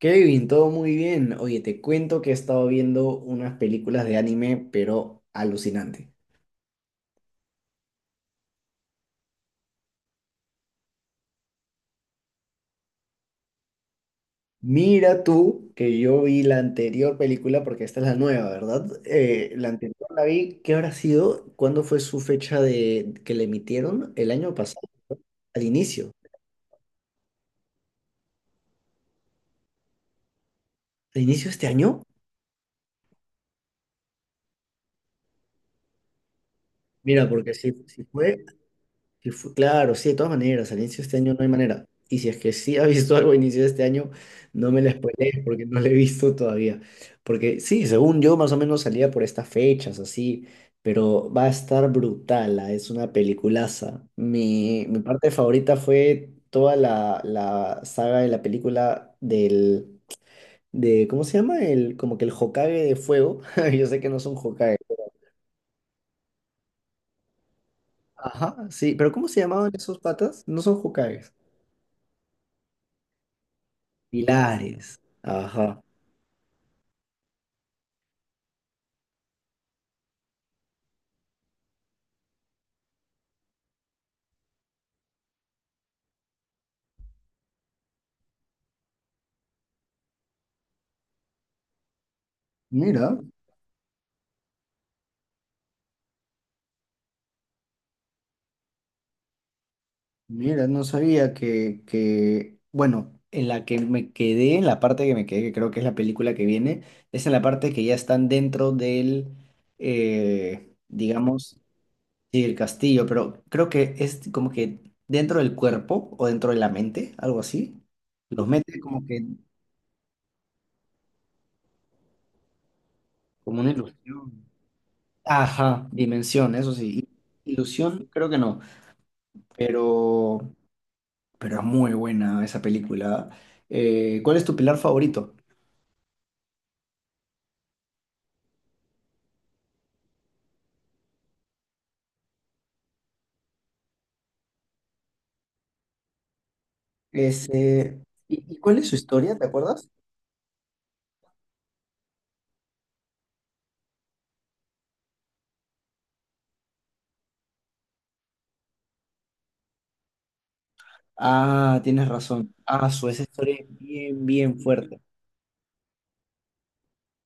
Kevin, todo muy bien. Oye, te cuento que he estado viendo unas películas de anime, pero alucinante. Mira tú que yo vi la anterior película, porque esta es la nueva, ¿verdad? La anterior la vi, ¿qué habrá sido? ¿Cuándo fue su fecha de que le emitieron? El año pasado, al inicio. ¿Al inicio de este año? Mira, porque si fue claro, sí, de todas maneras, al inicio de este año no hay manera. Y si es que sí ha visto algo a inicio de este año, no me la spoilees porque no lo he visto todavía. Porque sí, según yo, más o menos salía por estas fechas, así, pero va a estar brutal, ah, es una peliculaza. Mi parte favorita fue toda la saga de la película de, ¿cómo se llama? Como que el Hokage de fuego. Yo sé que no son Hokage. Ajá, sí, pero ¿cómo se llamaban esos patas? No son Hokages. Pilares. Ajá. Mira, mira, no sabía que, bueno, en la parte que me quedé, que creo que es la película que viene, es en la parte que ya están dentro del, digamos, sí, el castillo, pero creo que es como que dentro del cuerpo o dentro de la mente, algo así. Los mete como que, como una ilusión. Ajá, dimensión, eso sí. Ilusión, creo que no, pero... pero es muy buena esa película. ¿Cuál es tu pilar favorito? Ese, ¿y ¿cuál es su historia? ¿Te acuerdas? Ah, tienes razón. Ah, su esa historia es bien, bien fuerte.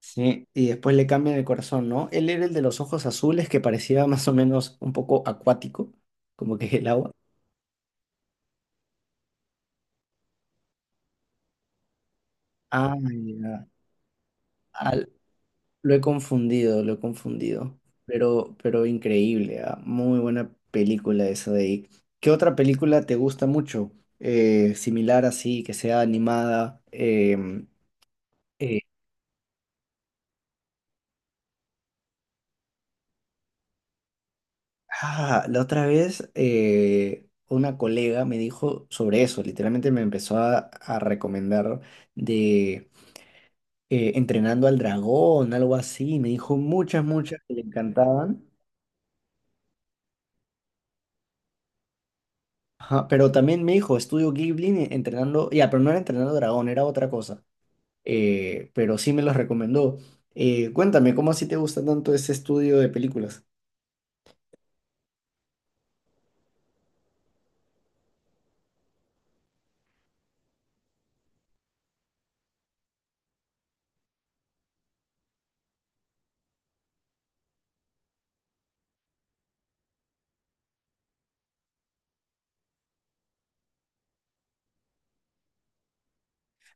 Sí, y después le cambian el corazón, ¿no? Él era el de los ojos azules que parecía más o menos un poco acuático, como que el agua. Ah, ya. Ah, lo he confundido, lo he confundido. Pero, increíble, ah, muy buena película esa de ahí. ¿Qué otra película te gusta mucho? Similar así, que sea animada. Eh, la otra vez una colega me dijo sobre eso. Literalmente me empezó a recomendar de Entrenando al Dragón, algo así. Me dijo muchas, muchas que le encantaban. Ajá, pero también me dijo, estudio Ghibli entrenando, ya, pero no era entrenando dragón, era otra cosa, pero sí me los recomendó. Cuéntame, ¿cómo así te gusta tanto ese estudio de películas?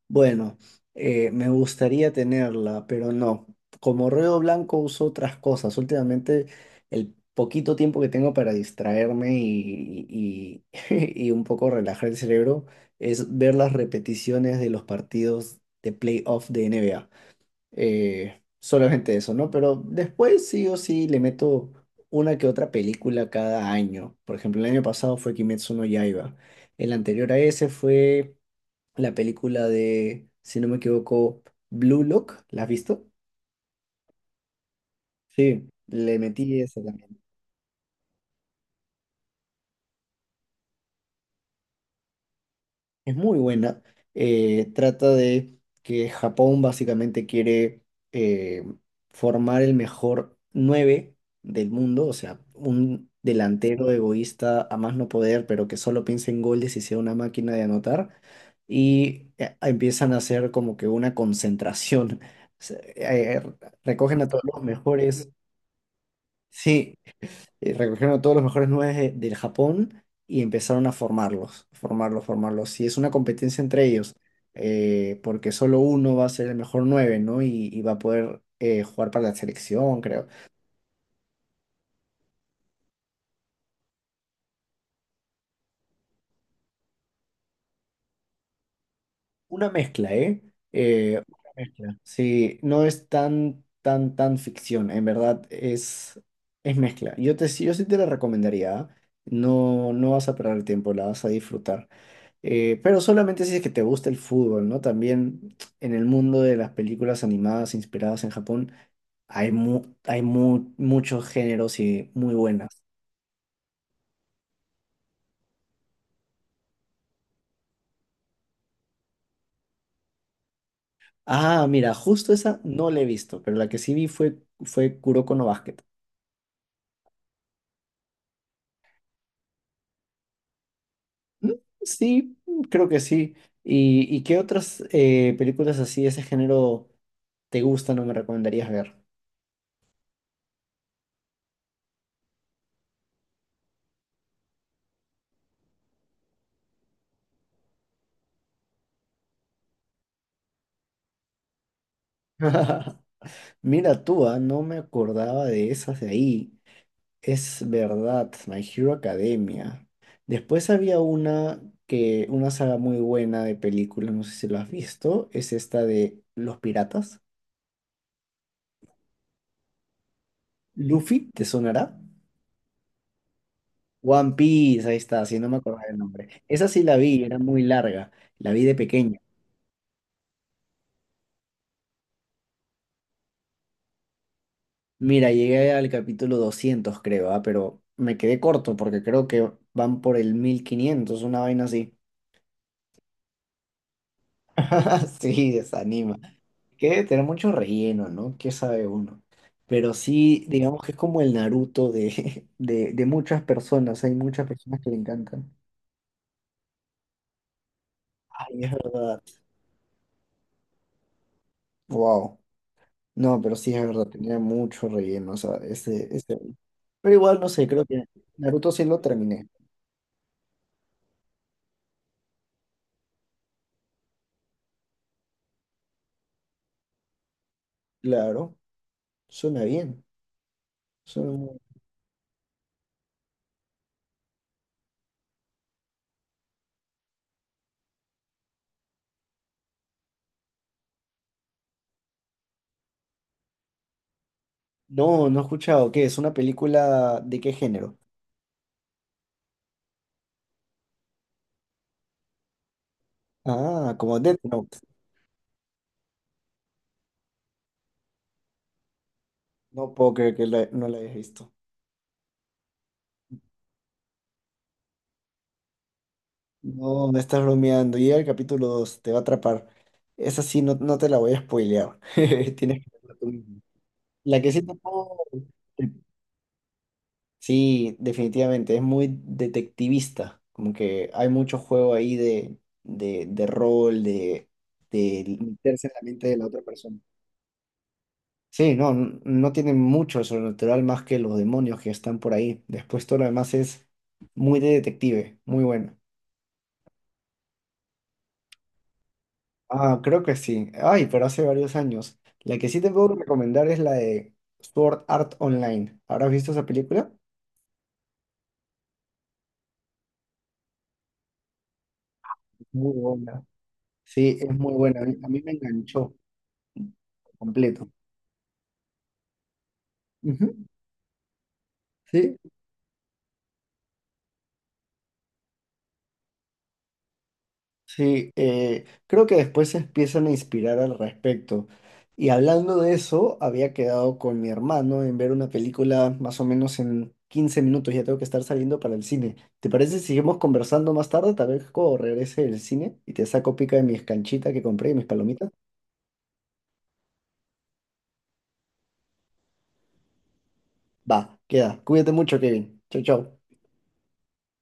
Bueno, me gustaría tenerla, pero no. Como ruedo blanco uso otras cosas. Últimamente, el poquito tiempo que tengo para distraerme y un poco relajar el cerebro es ver las repeticiones de los partidos de playoff de NBA. Solamente eso, ¿no? Pero después sí o sí le meto una que otra película cada año. Por ejemplo, el año pasado fue Kimetsu no Yaiba. El anterior a ese fue la película de, si no me equivoco, Blue Lock. ¿La has visto? Sí, le metí esa también. Es muy buena. Trata de que Japón básicamente quiere eh, formar el mejor 9 del mundo, o sea, un delantero egoísta a más no poder, pero que solo piense en goles y sea una máquina de anotar. Y empiezan a hacer como que una concentración. Se- eh, recogen a todos los mejores. Sí, recogieron a todos los mejores nueve del Japón y empezaron a formarlos, formarlos, formarlos. Y es una competencia entre ellos, porque solo uno va a ser el mejor nueve, ¿no? Y va a poder jugar para la selección, creo. Una mezcla, ¿eh? Una mezcla. Sí, no es tan, tan, tan ficción, en verdad es, mezcla. Yo sí te la recomendaría, ¿ah? No, no vas a perder el tiempo, la vas a disfrutar. Pero solamente si es que te gusta el fútbol, ¿no? También en el mundo de las películas animadas inspiradas en Japón hay, muchos géneros y muy buenas. Ah, mira, justo esa no la he visto, pero la que sí vi fue, fue Kuroko no Basket. Mm, sí, creo que sí. ¿Y qué otras películas así de ese género te gustan o me recomendarías ver? Mira tú, ah, no me acordaba de esas de ahí. Es verdad, My Hero Academia. Después había una saga muy buena de películas, no sé si lo has visto, es esta de Los Piratas. Luffy, ¿te sonará? One Piece, ahí está, si no me acordaba el nombre. Esa sí la vi, era muy larga, la vi de pequeña. Mira, llegué al capítulo 200 creo, ah, pero me quedé corto porque creo que van por el 1.500 una vaina así. Sí, desanima. Que debe tener mucho relleno, ¿no? ¿Qué sabe uno? Pero sí, digamos que es como el Naruto de muchas personas. Hay muchas personas que le encantan. Ay, es verdad. Wow. No, pero sí es verdad, tenía mucho relleno, o sea, ese. Pero igual, no sé, creo que Naruto sí lo terminé. Claro, suena bien. suena muy- No, no he escuchado. ¿Qué? ¿Es una película de qué género? Ah, como Death Note. No puedo creer que no la hayas visto. No, me estás bromeando. Llega el capítulo 2 te va a atrapar. Esa sí, no, no te la voy a spoilear. Tienes que verla tú mismo. La que sí te puedo. Sí, definitivamente. Es muy detectivista. Como que hay mucho juego ahí de rol, de meterse en la mente de la otra persona. Sí, no, no tiene mucho de sobrenatural más que los demonios que están por ahí. Después todo lo demás es muy de detective, muy bueno. Ah, creo que sí. Ay, pero hace varios años. La que sí te puedo recomendar es la de Sword Art Online. ¿Habrás visto esa película? Muy buena. Sí, es muy buena. A mí, me enganchó completo. Ujú. Sí, sí, creo que después se empiezan a inspirar al respecto. Y hablando de eso, había quedado con mi hermano en ver una película más o menos en 15 minutos. Ya tengo que estar saliendo para el cine. ¿Te parece si seguimos conversando más tarde? Tal vez cuando regrese del cine y te saco pica de mis canchitas que compré y mis palomitas. Va, queda. Cuídate mucho, Kevin. Chau, chau.